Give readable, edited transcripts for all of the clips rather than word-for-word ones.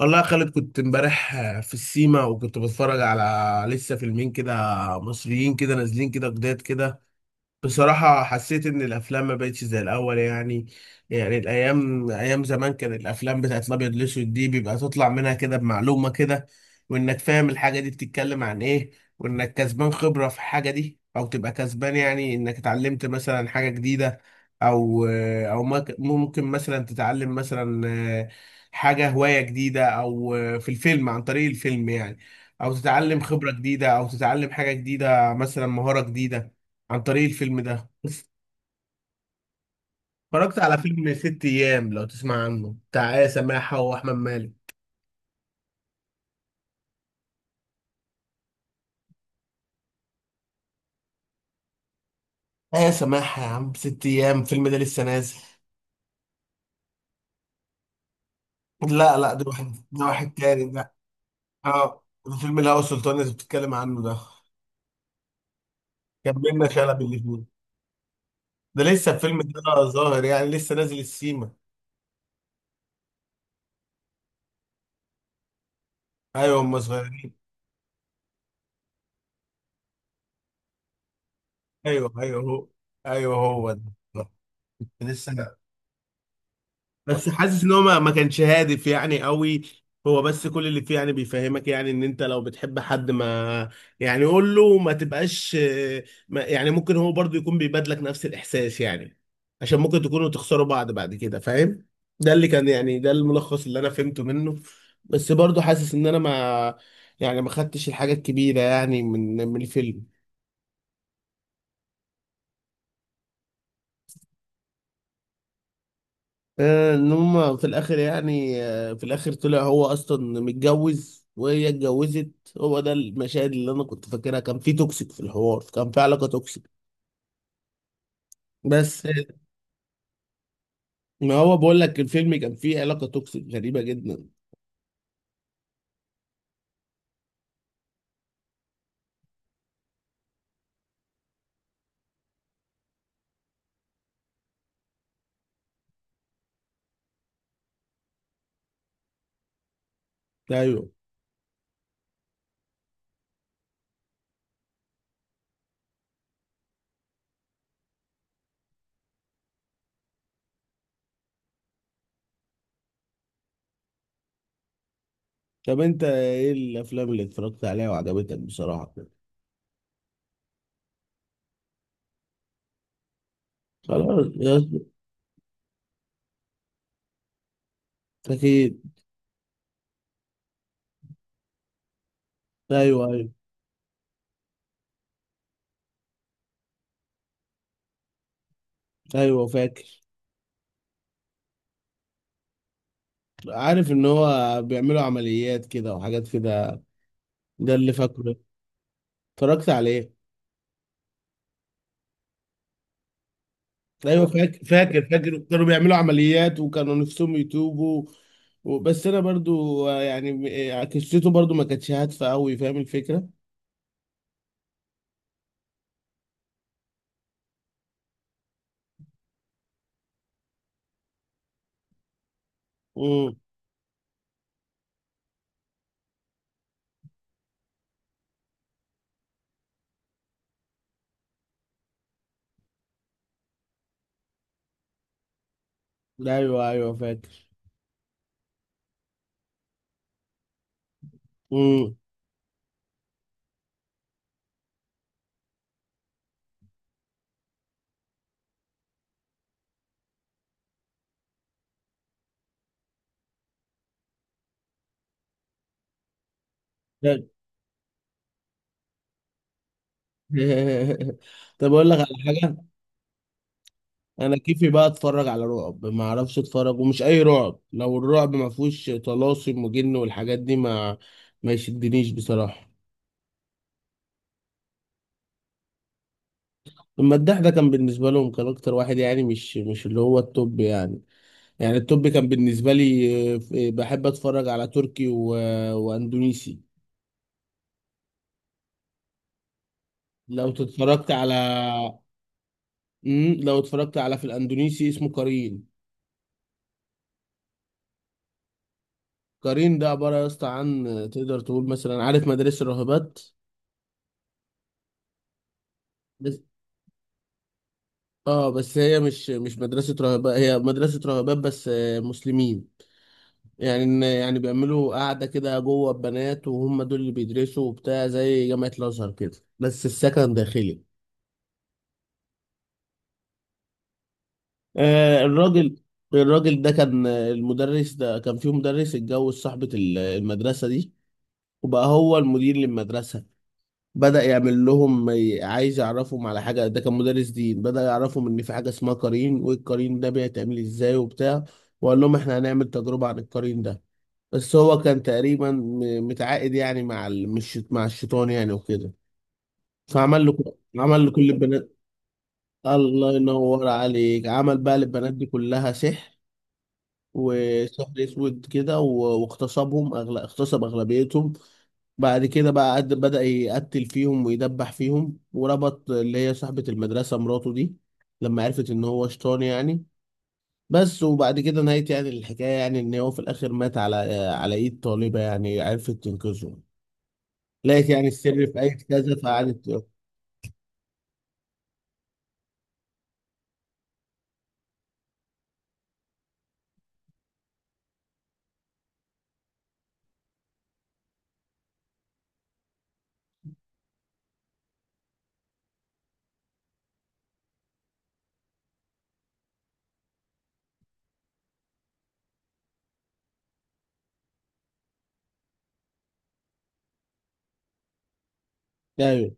والله يا خالد، كنت امبارح في السيما وكنت بتفرج على لسه فيلمين كده، مصريين كده، نازلين كده، جداد كده. بصراحة حسيت إن الأفلام ما بقتش زي الأول يعني. يعني الأيام أيام زمان كان الأفلام بتاعت الأبيض والأسود دي بيبقى تطلع منها كده بمعلومة كده، وإنك فاهم الحاجة دي بتتكلم عن إيه، وإنك كسبان خبرة في الحاجة دي أو تبقى كسبان، يعني إنك اتعلمت مثلا حاجة جديدة أو أو ممكن مثلا تتعلم مثلا حاجة هواية جديدة أو في الفيلم عن طريق الفيلم يعني. أو تتعلم خبرة جديدة أو تتعلم حاجة جديدة مثلا مهارة جديدة عن طريق الفيلم ده. اتفرجت على فيلم ست ايام، لو تسمع عنه، بتاع آية سماحة واحمد مالك. آية سماحة يا عم، ست ايام الفيلم ده لسه نازل. لا، لا، ده واحد تاني ده. اه، ده فيلم الهوى سلطان اللي بتتكلم عنه ده. كان بينا شلبي الاتنين. ده لسه الفيلم ده ظاهر، يعني لسه نازل السيما. ايوه، هم صغيرين. ايوه، ايوه، هو. ايوه، هو ده لسه. بس حاسس ان هو ما كانش هادف يعني قوي. هو بس كل اللي فيه يعني بيفهمك يعني ان انت لو بتحب حد ما، يعني قول له ما تبقاش، ما يعني ممكن هو برضو يكون بيبادلك نفس الاحساس يعني. عشان ممكن تكونوا تخسروا بعض بعد كده، فاهم. ده اللي كان يعني، ده الملخص اللي انا فهمته منه. بس برضو حاسس ان انا ما يعني ما خدتش الحاجة الكبيرة يعني من الفيلم. ان هم في الاخر يعني في الاخر طلع هو اصلا متجوز وهي اتجوزت. هو ده المشاهد اللي انا كنت فاكرها، كان في توكسيك في الحوار، كان في علاقة توكسيك. بس ما هو بقول لك، الفيلم كان فيه علاقة توكسيك غريبة جدا. ايوه. طب انت ايه الافلام اللي اتفرجت عليها وعجبتك بصراحة كده؟ خلاص. اكيد. ايوه، ايوه، ايوه، فاكر. عارف ان هو بيعملوا عمليات كده وحاجات كده، ده اللي فاكره. اتفرجت عليه. ايوه، فاكر، فاكر، فاكر، كانوا بيعملوا عمليات وكانوا نفسهم يتوبوا. بس انا برضو يعني قصته برضو ما كانتش هادفه قوي، فاهم الفكره. امم. ايوه، ايوه، فاكر. امم. فاكر. طب، اقول لك على حاجه. انا كيفي بقى اتفرج على رعب، ما اعرفش اتفرج، ومش اي رعب، لو الرعب ما فيهوش طلاسم وجن والحاجات دي ما يشدنيش بصراحه. المداح ده كان بالنسبه لهم كان اكتر واحد، يعني مش اللي هو التوب يعني. يعني التوب كان بالنسبة لي، بحب اتفرج على تركي واندونيسي. لو اتفرجت على لو اتفرجت على، في الاندونيسي اسمه قرين. قرين ده عبارة يا اسطى عن، تقدر تقول مثلا، عارف مدارس الراهبات. بس. اه، بس هي مش مدرسة راهبات، هي مدرسة راهبات بس مسلمين. يعني يعني بيعملوا قاعدة كده جوه البنات، وهم دول اللي بيدرسوا وبتاع، زي جامعة الأزهر كده بس السكن داخلي. آه، الراجل الراجل ده كان المدرس ده، كان فيه مدرس اتجوز صاحبة المدرسة دي، وبقى هو المدير للمدرسة. بدأ يعمل لهم عايز يعرفهم على حاجة، ده كان مدرس دين، بدأ يعرفهم إن في حاجة اسمها قرين، والقرين ده بيتعمل إزاي وبتاع. وقال لهم إحنا هنعمل تجربة عن القرين ده. بس هو كان تقريبا متعاقد يعني مع مش مع الشيطان يعني وكده. فعمل له عمل لكل البنات. الله ينور عليك، عمل بقى للبنات دي كلها سحر، وسحر اسود كده. واغتصبهم اغتصب اغلبيتهم. بعد كده بقى بدأ يقتل فيهم ويدبح فيهم، وربط اللي هي صاحبة المدرسة مراته دي، لما عرفت ان هو شيطان يعني. بس وبعد كده نهاية يعني الحكاية، يعني ان هو في الاخر مات على ايد طالبة، يعني عرفت تنقذه. لقيت يعني السر في اية كذا فقعدت. ايوه،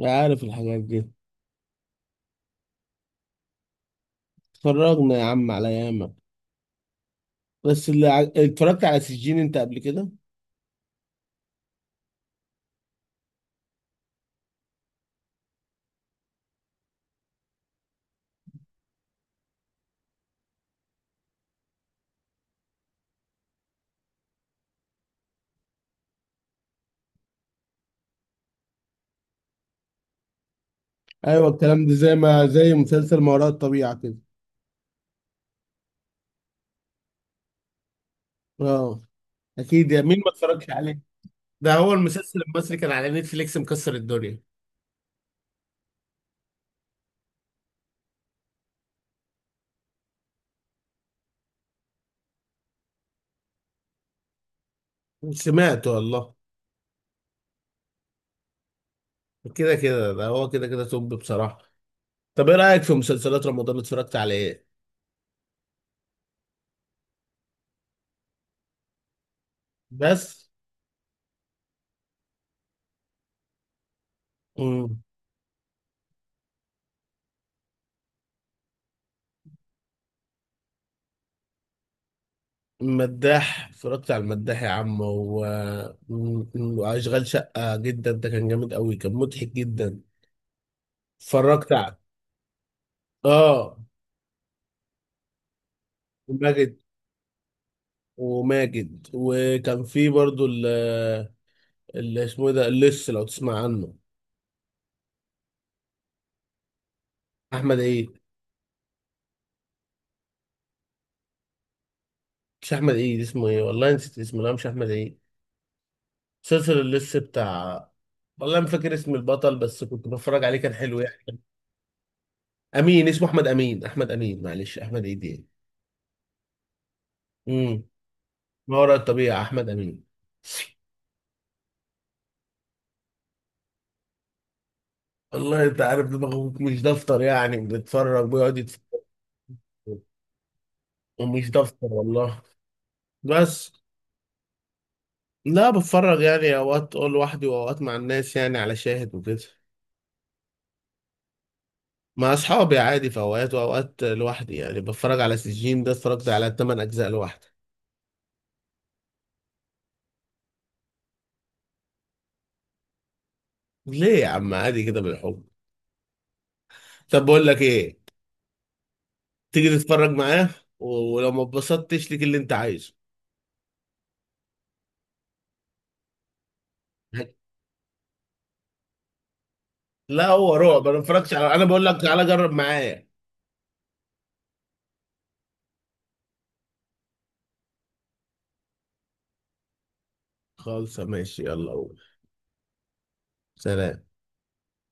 عارف الحاجات دي. اتفرجنا يا عم على ياما. بس اللي اتفرجت على سجين انت قبل كده؟ ايوه، الكلام ده زي مسلسل ما وراء الطبيعه كده. اه، اكيد، يا مين ما اتفرجش عليه. ده هو المسلسل المصري، كان على نتفليكس مكسر الدنيا. سمعته والله. كده كده ده هو، كده كده توب بصراحه. طب، ايه رايك في مسلسلات رمضان اللي اتفرجت على ايه؟ بس. مم. المداح، اتفرجت على المداح يا عم. مم. واشغال شقه جدا، ده كان جامد قوي، كان مضحك جدا. اتفرجت على. اه. ماجد، وكان في برضو. اللي اسمه ايه ده، اللص، لو تسمع عنه. احمد عيد. مش احمد عيد، اسمه ايه، والله نسيت اسمه، لا مش احمد عيد. مسلسل اللص بتاع. والله ما فاكر اسم البطل، بس كنت بتفرج عليه كان حلو يعني. امين، اسمه احمد امين، احمد امين، معلش احمد عيد يعني. امم. ما وراء الطبيعة، احمد امين. والله انت عارف دماغه مش دفتر يعني، بيتفرج بيقعد يتفرج، ومش دفتر والله. بس. لا، بتفرج يعني اوقات لوحدي، واوقات مع الناس يعني على شاهد وكده. مع اصحابي عادي في اوقات، واوقات لوحدي، يعني بتفرج على سجين ده، اتفرجت على 8 اجزاء لوحدي. ليه يا عم؟ عادي كده بالحب. طب، بقول لك ايه، تيجي تتفرج معاه. ولو ما اتبسطتش ليك اللي انت عايزه. لا، هو رعب، انا ما اتفرجش على، انا بقول لك تعالى جرب معايا. خالص، ماشي، يلا قول. سلام.